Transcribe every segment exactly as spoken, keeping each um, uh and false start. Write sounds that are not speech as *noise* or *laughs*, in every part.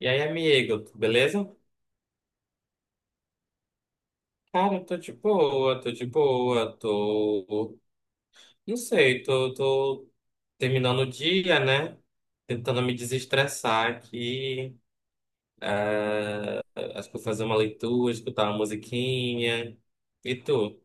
E aí, amigo, beleza? Cara, eu tô de boa, tô de boa, tô. Não sei, tô, tô terminando o dia, né? Tentando me desestressar aqui. Ah, acho que vou fazer uma leitura, escutar uma musiquinha. E tu?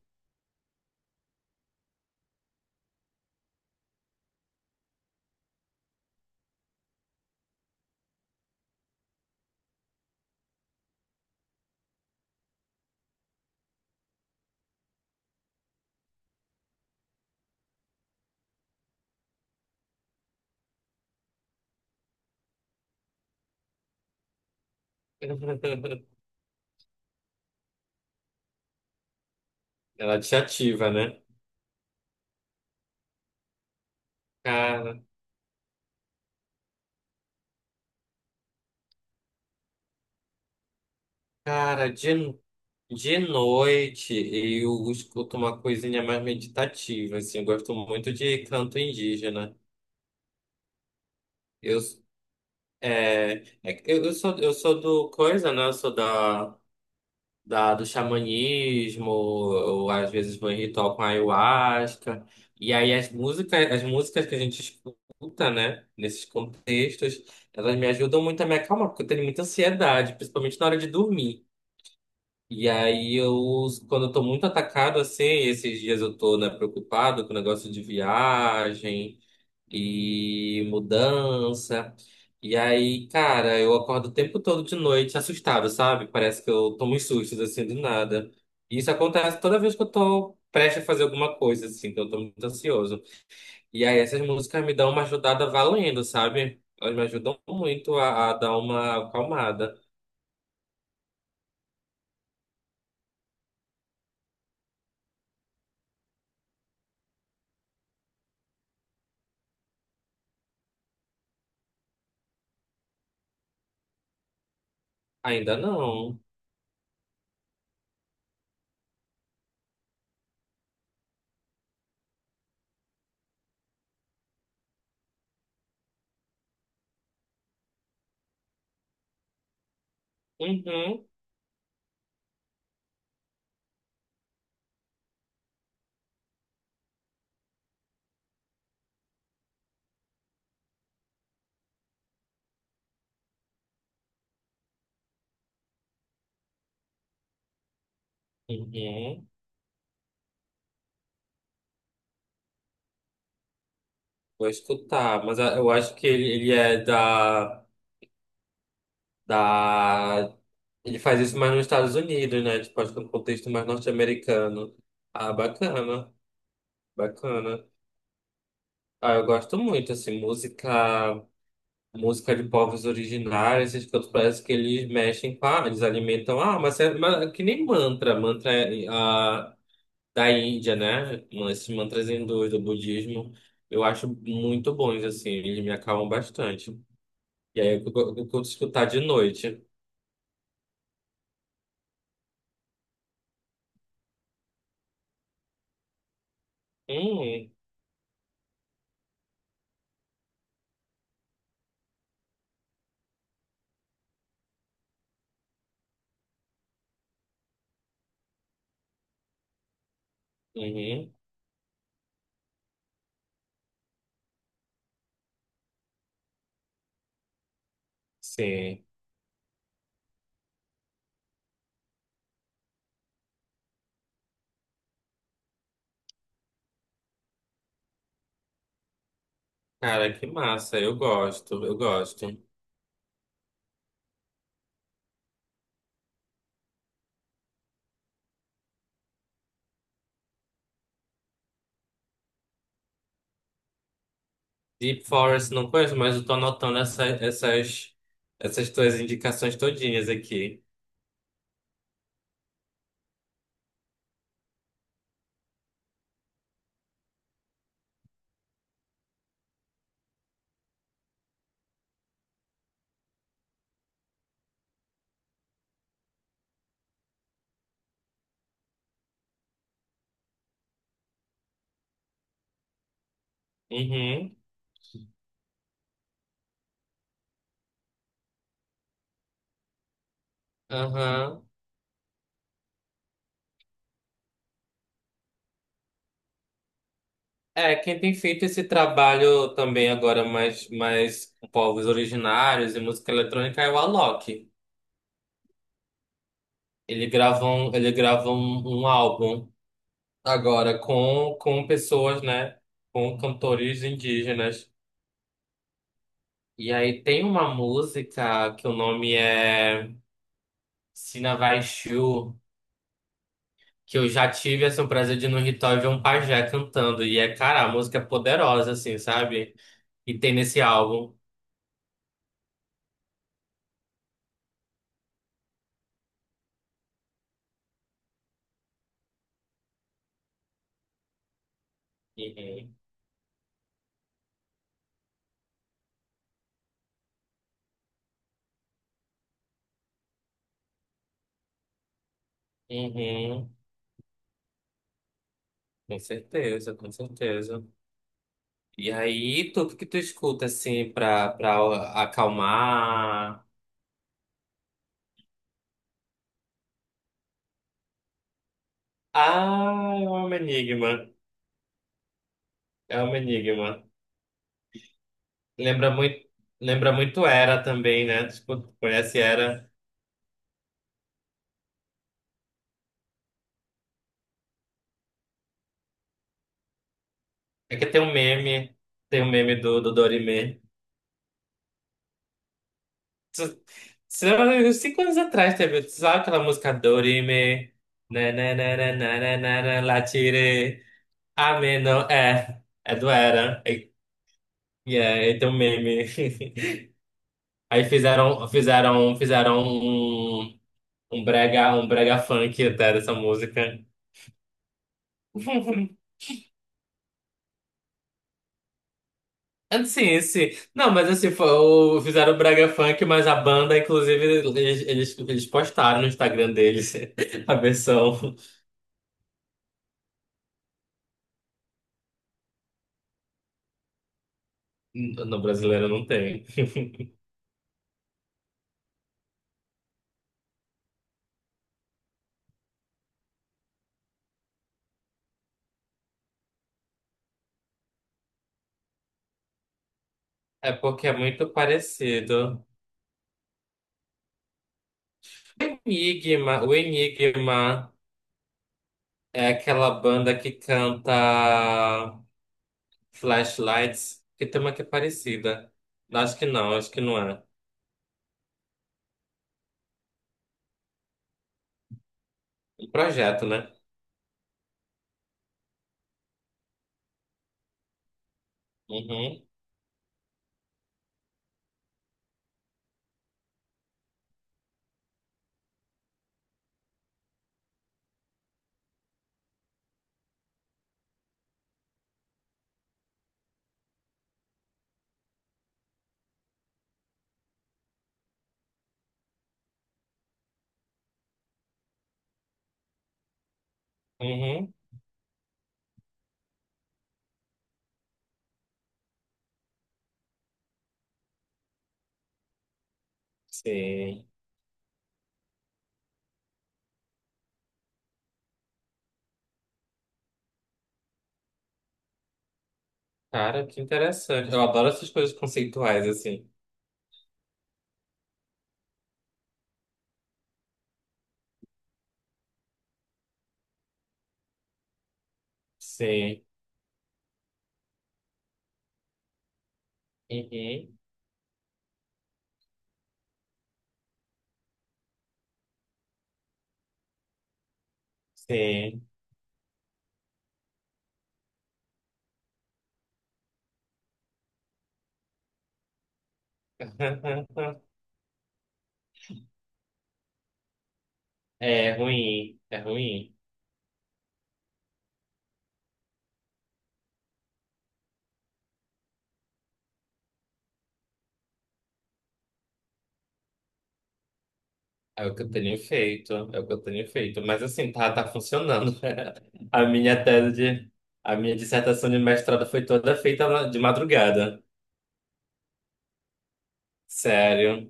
*laughs* Ela te ativa, né? Cara, cara, de, de noite eu escuto uma coisinha mais meditativa, assim. Eu gosto muito de canto indígena. Eu É, é eu, eu sou, eu sou do coisa, né? Eu sou da, da, do xamanismo, ou às vezes vou em ritual com ayahuasca. E aí as músicas, as músicas que a gente escuta, né? Nesses contextos, elas me ajudam muito a me acalmar, porque eu tenho muita ansiedade, principalmente na hora de dormir. E aí eu, quando eu tô muito atacado assim, esses dias eu tô, né, preocupado com o negócio de viagem e mudança. E aí, cara, eu acordo o tempo todo de noite assustado, sabe? Parece que eu tomo uns sustos assim do nada. E isso acontece toda vez que eu tô prestes a fazer alguma coisa, assim, que eu tô muito ansioso. E aí essas músicas me dão uma ajudada valendo, sabe? Elas me ajudam muito a, a dar uma acalmada. Ainda não. Uhum, uhum. Vou escutar, mas a- eu acho que ele, ele é da. da... Ele faz isso mais nos Estados Unidos, né? Tipo, acho que no contexto mais norte-americano. Ah, bacana, bacana. Ah, eu gosto muito, assim, música, música, de povos originários, esses cantos parece que eles mexem com a, eles alimentam, ah, mas é mas é que nem mantra, mantra é, ah, da Índia, né? Esses mantras hindus, do budismo, eu acho muito bons, assim, eles me acalmam bastante. E aí eu, eu, eu curto escutar de noite. Hum, uhum, sim. Cara, que massa, eu gosto, eu gosto. Deep Forest não conheço, mas eu tô anotando essa- essas, essas tuas indicações todinhas aqui. Uhum, aham. É, quem tem feito esse trabalho também agora mais, mais com povos originários e música eletrônica é o Alok. Ele grava um, ele grava um, um álbum agora com, com pessoas, né? Com cantores indígenas. E aí tem uma música que o nome é Sinavaixiu, que eu já tive assim, o prazer de ir no ritual e ver um pajé cantando. E é, cara, a música é poderosa, assim, sabe? E tem nesse álbum. Uhum. Uhum. Com certeza, com certeza. E aí, tu o que tu escuta, assim, pra, pra acalmar? Ah, é um enigma. É um enigma. Lembra muito, lembra muito Era também, né? Tipo, conhece Era? É que tem um meme, tem um meme do, do Dorimê. Tu- Sei lá, uns cinco anos atrás teve, tu sabe aquela música Dorime, na na na na na na na na, la tire, ame não é, é do Era, e e é, e tem um meme. *laughs* Aí fizeram, fizeram, fizeram um, um brega, um brega funk até dessa música. *laughs* Assim, sim. Não, mas assim, foi, o- fizeram o brega funk, mas a banda, inclusive, eles, eles, eles postaram no Instagram deles *laughs* a versão no brasileiro não tem. *laughs* É porque é muito parecido. Enigma, o Enigma é aquela banda que canta Flashlights, que tem uma que é parecida. Acho que não, acho que não é. Um projeto, né? Uhum, uhum, sim. Cara, que interessante. Eu adoro essas coisas conceituais, assim. Sim, uhum, sim. *laughs* É ruim, é ruim. É o que eu tenho feito, é o que eu tenho feito. Mas assim, tá, tá funcionando. *laughs* A minha tese de, a minha dissertação de mestrado foi toda feita na- de madrugada. Sério.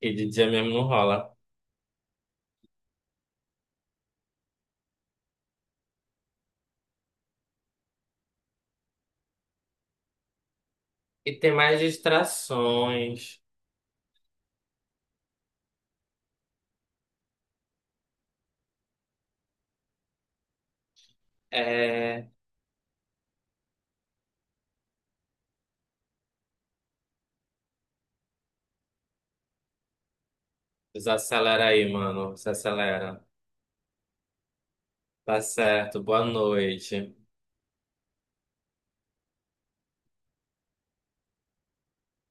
E de dia mesmo não rola. E tem mais distrações. É, desacelera aí, mano. Se acelera. Tá certo. Boa noite.